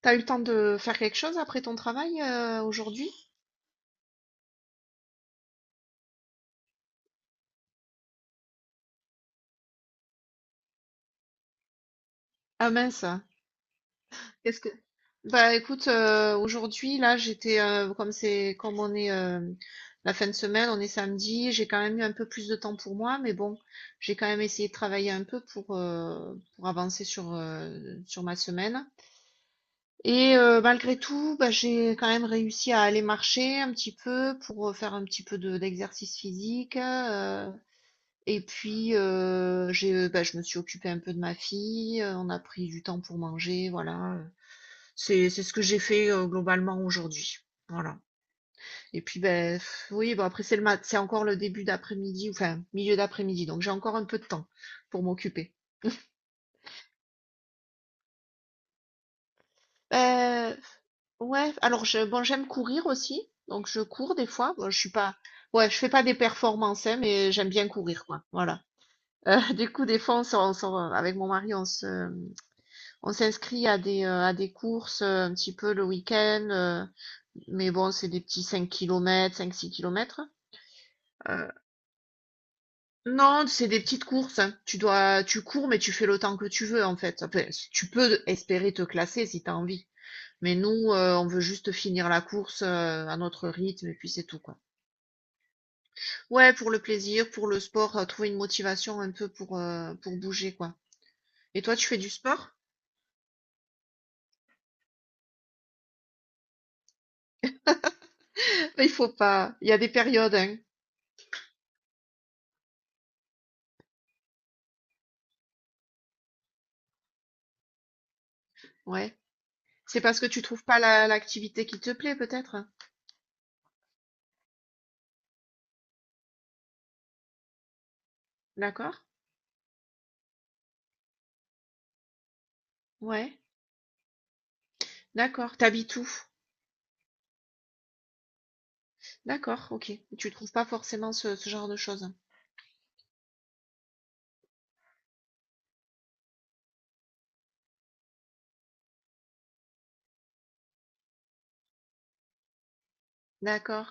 T'as eu le temps de faire quelque chose après ton travail aujourd'hui? Ah mince. Qu'est-ce que Bah écoute, aujourd'hui là j'étais comme c'est comme on est la fin de semaine, on est samedi, j'ai quand même eu un peu plus de temps pour moi, mais bon, j'ai quand même essayé de travailler un peu pour avancer sur ma semaine. Et malgré tout, bah, j'ai quand même réussi à aller marcher un petit peu pour faire un petit peu de d'exercice physique. Et puis, je me suis occupée un peu de ma fille, on a pris du temps pour manger, voilà. C'est ce que j'ai fait, globalement aujourd'hui. Voilà. Et puis, beh, oui, bon après c'est encore le début d'après-midi, enfin, milieu d'après-midi, donc j'ai encore un peu de temps pour m'occuper. Heu, ouais, alors j'aime courir aussi, donc je cours des fois. Bon, je suis pas Ouais, je fais pas des performances, hein, mais j'aime bien courir, quoi, voilà. Du coup, des fois, on sort, on se avec mon mari, on s'inscrit à des courses, un petit peu le week-end, mais bon, c'est des petits 5 kilomètres, cinq 6 kilomètres. Heu, non, c'est des petites courses, hein. Tu cours, mais tu fais le temps que tu veux, en fait. Enfin, tu peux espérer te classer si tu as envie. Mais nous, on veut juste finir la course, à notre rythme et puis c'est tout, quoi. Ouais, pour le plaisir, pour le sport, trouver une motivation un peu pour bouger, quoi. Et toi, tu fais du sport? Il faut pas. Il y a des périodes, hein. Ouais. C'est parce que tu trouves pas l'activité qui te plaît, peut-être? D'accord? Ouais. D'accord. T'habites où? D'accord, ok. Tu trouves pas forcément ce genre de choses. D'accord.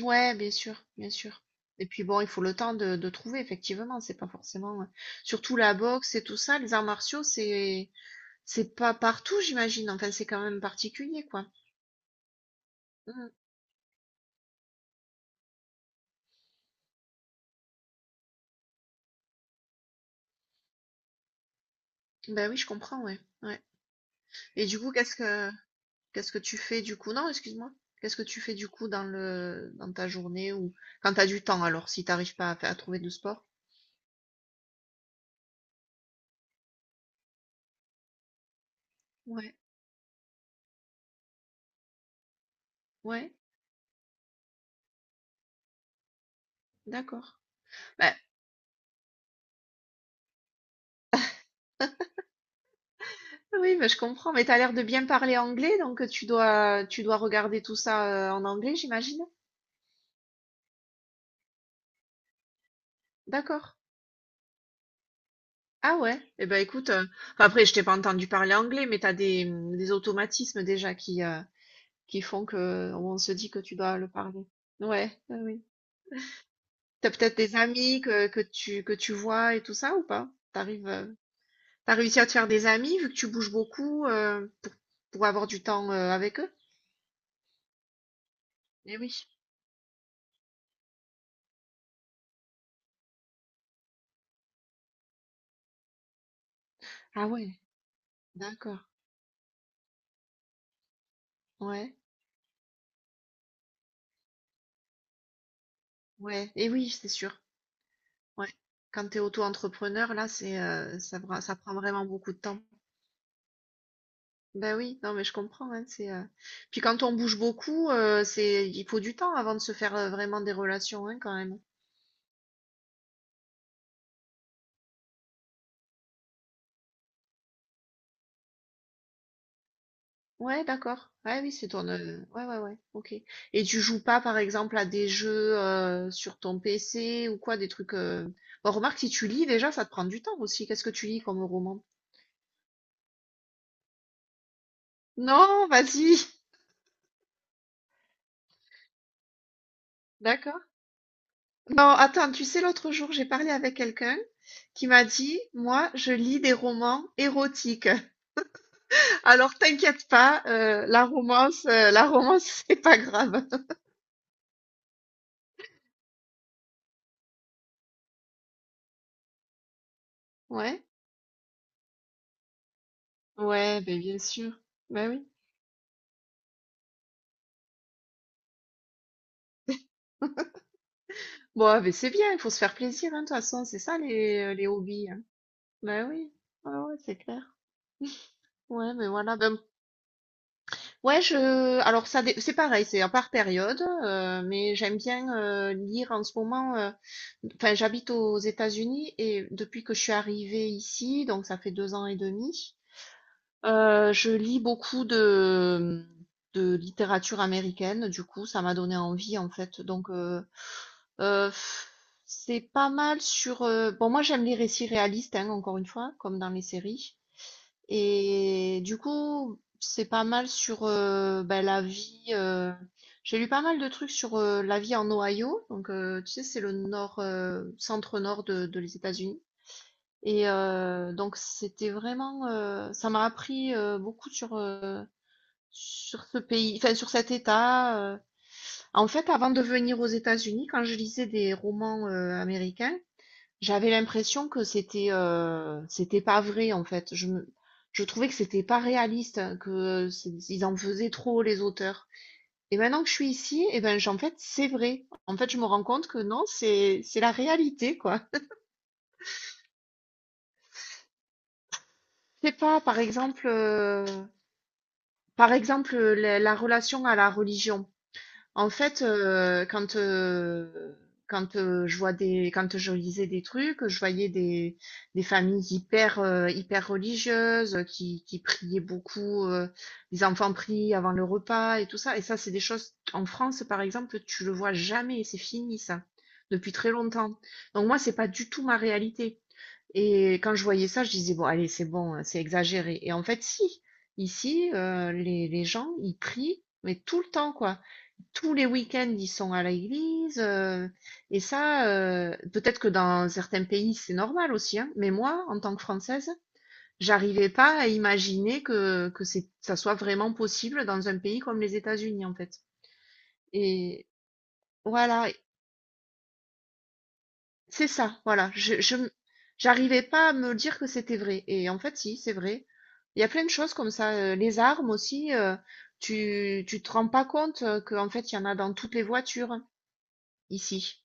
Ouais, bien sûr, bien sûr. Et puis bon, il faut le temps de trouver, effectivement. C'est pas forcément. Surtout la boxe et tout ça, les arts martiaux, c'est pas partout, j'imagine. Enfin, c'est quand même particulier, quoi. Mm. Ben oui, je comprends, ouais. Ouais. Et du coup, qu'est-ce que tu fais du coup? Non, excuse-moi. Qu'est-ce que tu fais du coup dans ta journée ou quand t'as du temps alors si t'arrives pas à trouver de sport? Ouais, ouais, d'accord. Bah, oui, mais je comprends. Mais t'as l'air de bien parler anglais, donc tu dois regarder tout ça en anglais, j'imagine. D'accord. Ah ouais. Eh ben écoute, enfin, après je t'ai pas entendu parler anglais, mais t'as des automatismes déjà qui font que on se dit que tu dois le parler. Ouais, ouais, oui. T'as peut-être des amis que tu vois et tout ça ou pas? T'as réussi à te faire des amis vu que tu bouges beaucoup pour avoir du temps avec eux? Eh oui. Ah ouais, d'accord. Ouais, ouais. Eh oui, c'est sûr. Ouais. Quand t'es auto-entrepreneur, là, ça prend vraiment beaucoup de temps. Ben oui, non, mais je comprends, hein. Puis quand on bouge beaucoup, il faut du temps avant de se faire vraiment des relations, hein, quand même. Ouais, d'accord. Ouais, oui, c'est ton. Ouais, ouais, ouais. Ok. Et tu joues pas, par exemple, à des jeux sur ton PC ou quoi, des trucs. Bon, remarque, si tu lis déjà, ça te prend du temps aussi. Qu'est-ce que tu lis comme roman? Non, vas-y. D'accord. Non, attends, tu sais, l'autre jour, j'ai parlé avec quelqu'un qui m'a dit, moi, je lis des romans érotiques. Alors, t'inquiète pas, la romance, c'est pas grave. Ouais. Ouais, ben bien sûr. Ben oui. Bon, ah, mais c'est bien, il faut se faire plaisir, hein, de toute façon, c'est ça les hobbies, hein. Bah oui, ouais, ouais, c'est clair. Ouais, mais voilà. Ben, ouais, je. Alors ça, c'est pareil, c'est par période, mais j'aime bien lire en ce moment. Enfin, j'habite aux États-Unis et depuis que je suis arrivée ici, donc ça fait 2 ans et demi, je lis beaucoup de littérature américaine. Du coup, ça m'a donné envie en fait. Euh, pff, c'est pas mal sur. Bon, moi j'aime les récits réalistes, hein, encore une fois, comme dans les séries. Et du coup, c'est pas mal sur ben, la vie. J'ai lu pas mal de trucs sur la vie en Ohio. Donc, tu sais, c'est le nord, centre-nord de les États-Unis. Et donc, c'était vraiment. Ça m'a appris beaucoup sur ce pays, enfin, sur cet État. En fait, avant de venir aux États-Unis, quand je lisais des romans américains, j'avais l'impression que c'était pas vrai en fait. Je trouvais que c'était pas réaliste, hein, ils en faisaient trop les auteurs. Et maintenant que je suis ici, eh ben en fait c'est vrai. En fait, je me rends compte que non, c'est la réalité quoi. C'est pas Par exemple, la relation à la religion. En fait, je vois des quand je lisais des trucs, je voyais des familles hyper, hyper religieuses, qui priaient beaucoup, les enfants prient avant le repas et tout ça, et ça, c'est des choses en France, par exemple, tu le vois jamais, c'est fini ça, depuis très longtemps. Donc moi, c'est pas du tout ma réalité. Et quand je voyais ça, je disais, bon, allez, c'est bon, hein, c'est exagéré. Et en fait, si, ici, les gens, ils prient, mais tout le temps, quoi. Tous les week-ends, ils sont à l'église. Et ça, peut-être que dans certains pays, c'est normal aussi, hein, mais moi, en tant que Française, j'arrivais pas à imaginer que ça soit vraiment possible dans un pays comme les États-Unis, en fait. Et voilà. C'est ça, voilà. J'arrivais pas à me dire que c'était vrai. Et en fait, si, c'est vrai. Il y a plein de choses comme ça. Les armes aussi, tu te rends pas compte qu'en fait, il y en a dans toutes les voitures, hein, ici.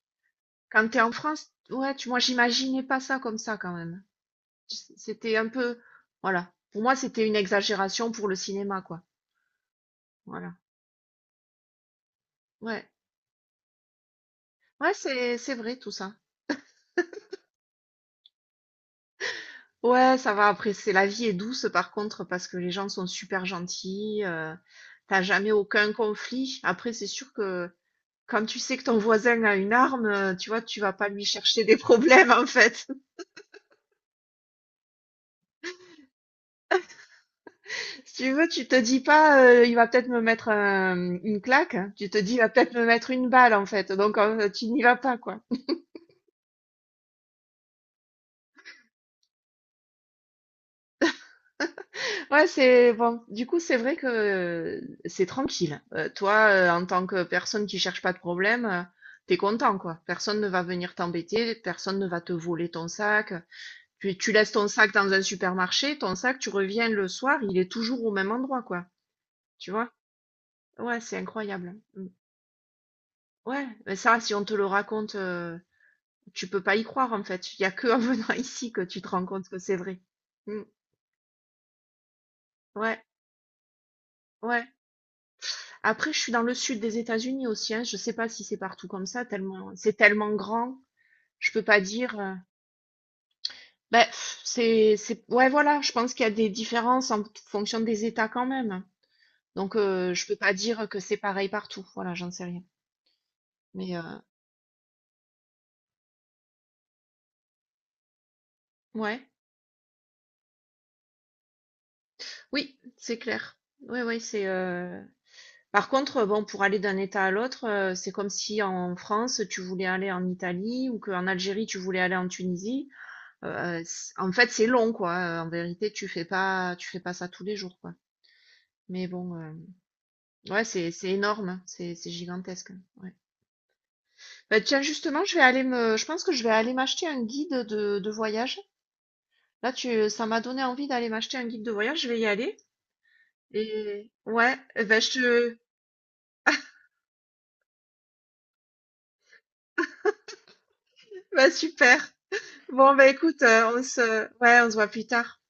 Quand t'es en France, ouais, moi, j'imaginais pas ça comme ça quand même. C'était un peu, voilà. Pour moi, c'était une exagération pour le cinéma, quoi. Voilà. Ouais. Ouais, c'est vrai tout ça. Ouais, ça va. Après, c'est la vie est douce par contre parce que les gens sont super gentils. T'as jamais aucun conflit. Après, c'est sûr que quand tu sais que ton voisin a une arme, tu vois, tu vas pas lui chercher des problèmes en fait. Si tu veux, tu te dis pas, il va peut-être me mettre une claque. Tu te dis, il va peut-être me mettre une balle en fait. Donc, tu n'y vas pas quoi. Ouais, c'est bon. Du coup, c'est vrai que c'est tranquille. Toi, en tant que personne qui cherche pas de problème, t'es content, quoi. Personne ne va venir t'embêter, personne ne va te voler ton sac. Puis tu laisses ton sac dans un supermarché, ton sac, tu reviens le soir, il est toujours au même endroit, quoi. Tu vois? Ouais, c'est incroyable. Mm. Ouais, mais ça, si on te le raconte, tu peux pas y croire, en fait. Il y a que en venant ici que tu te rends compte que c'est vrai. Mm. Ouais, ouais. Après, je suis dans le sud des États-Unis aussi, hein. Je sais pas si c'est partout comme ça, tellement c'est tellement grand, je peux pas dire. Ben, pff, c'est ouais voilà, je pense qu'il y a des différences en fonction des États quand même, hein. Donc je peux pas dire que c'est pareil partout. Voilà, j'en sais rien. Mais ouais, oui, c'est clair. Oui, oui, c'est. Par contre, bon, pour aller d'un État à l'autre, c'est comme si en France tu voulais aller en Italie ou qu'en Algérie tu voulais aller en Tunisie. C En fait, c'est long, quoi, en vérité, tu fais pas ça tous les jours, quoi. Mais bon, ouais, c'est énorme, hein, c'est gigantesque, hein, ouais. Bah, tiens, justement, je pense que je vais aller m'acheter un guide de voyage. Là, tu ça m'a donné envie d'aller m'acheter un guide de voyage, je vais y aller et ouais, et bah, je te bah, super. Bon, bah, écoute, on se ouais, on se voit plus tard.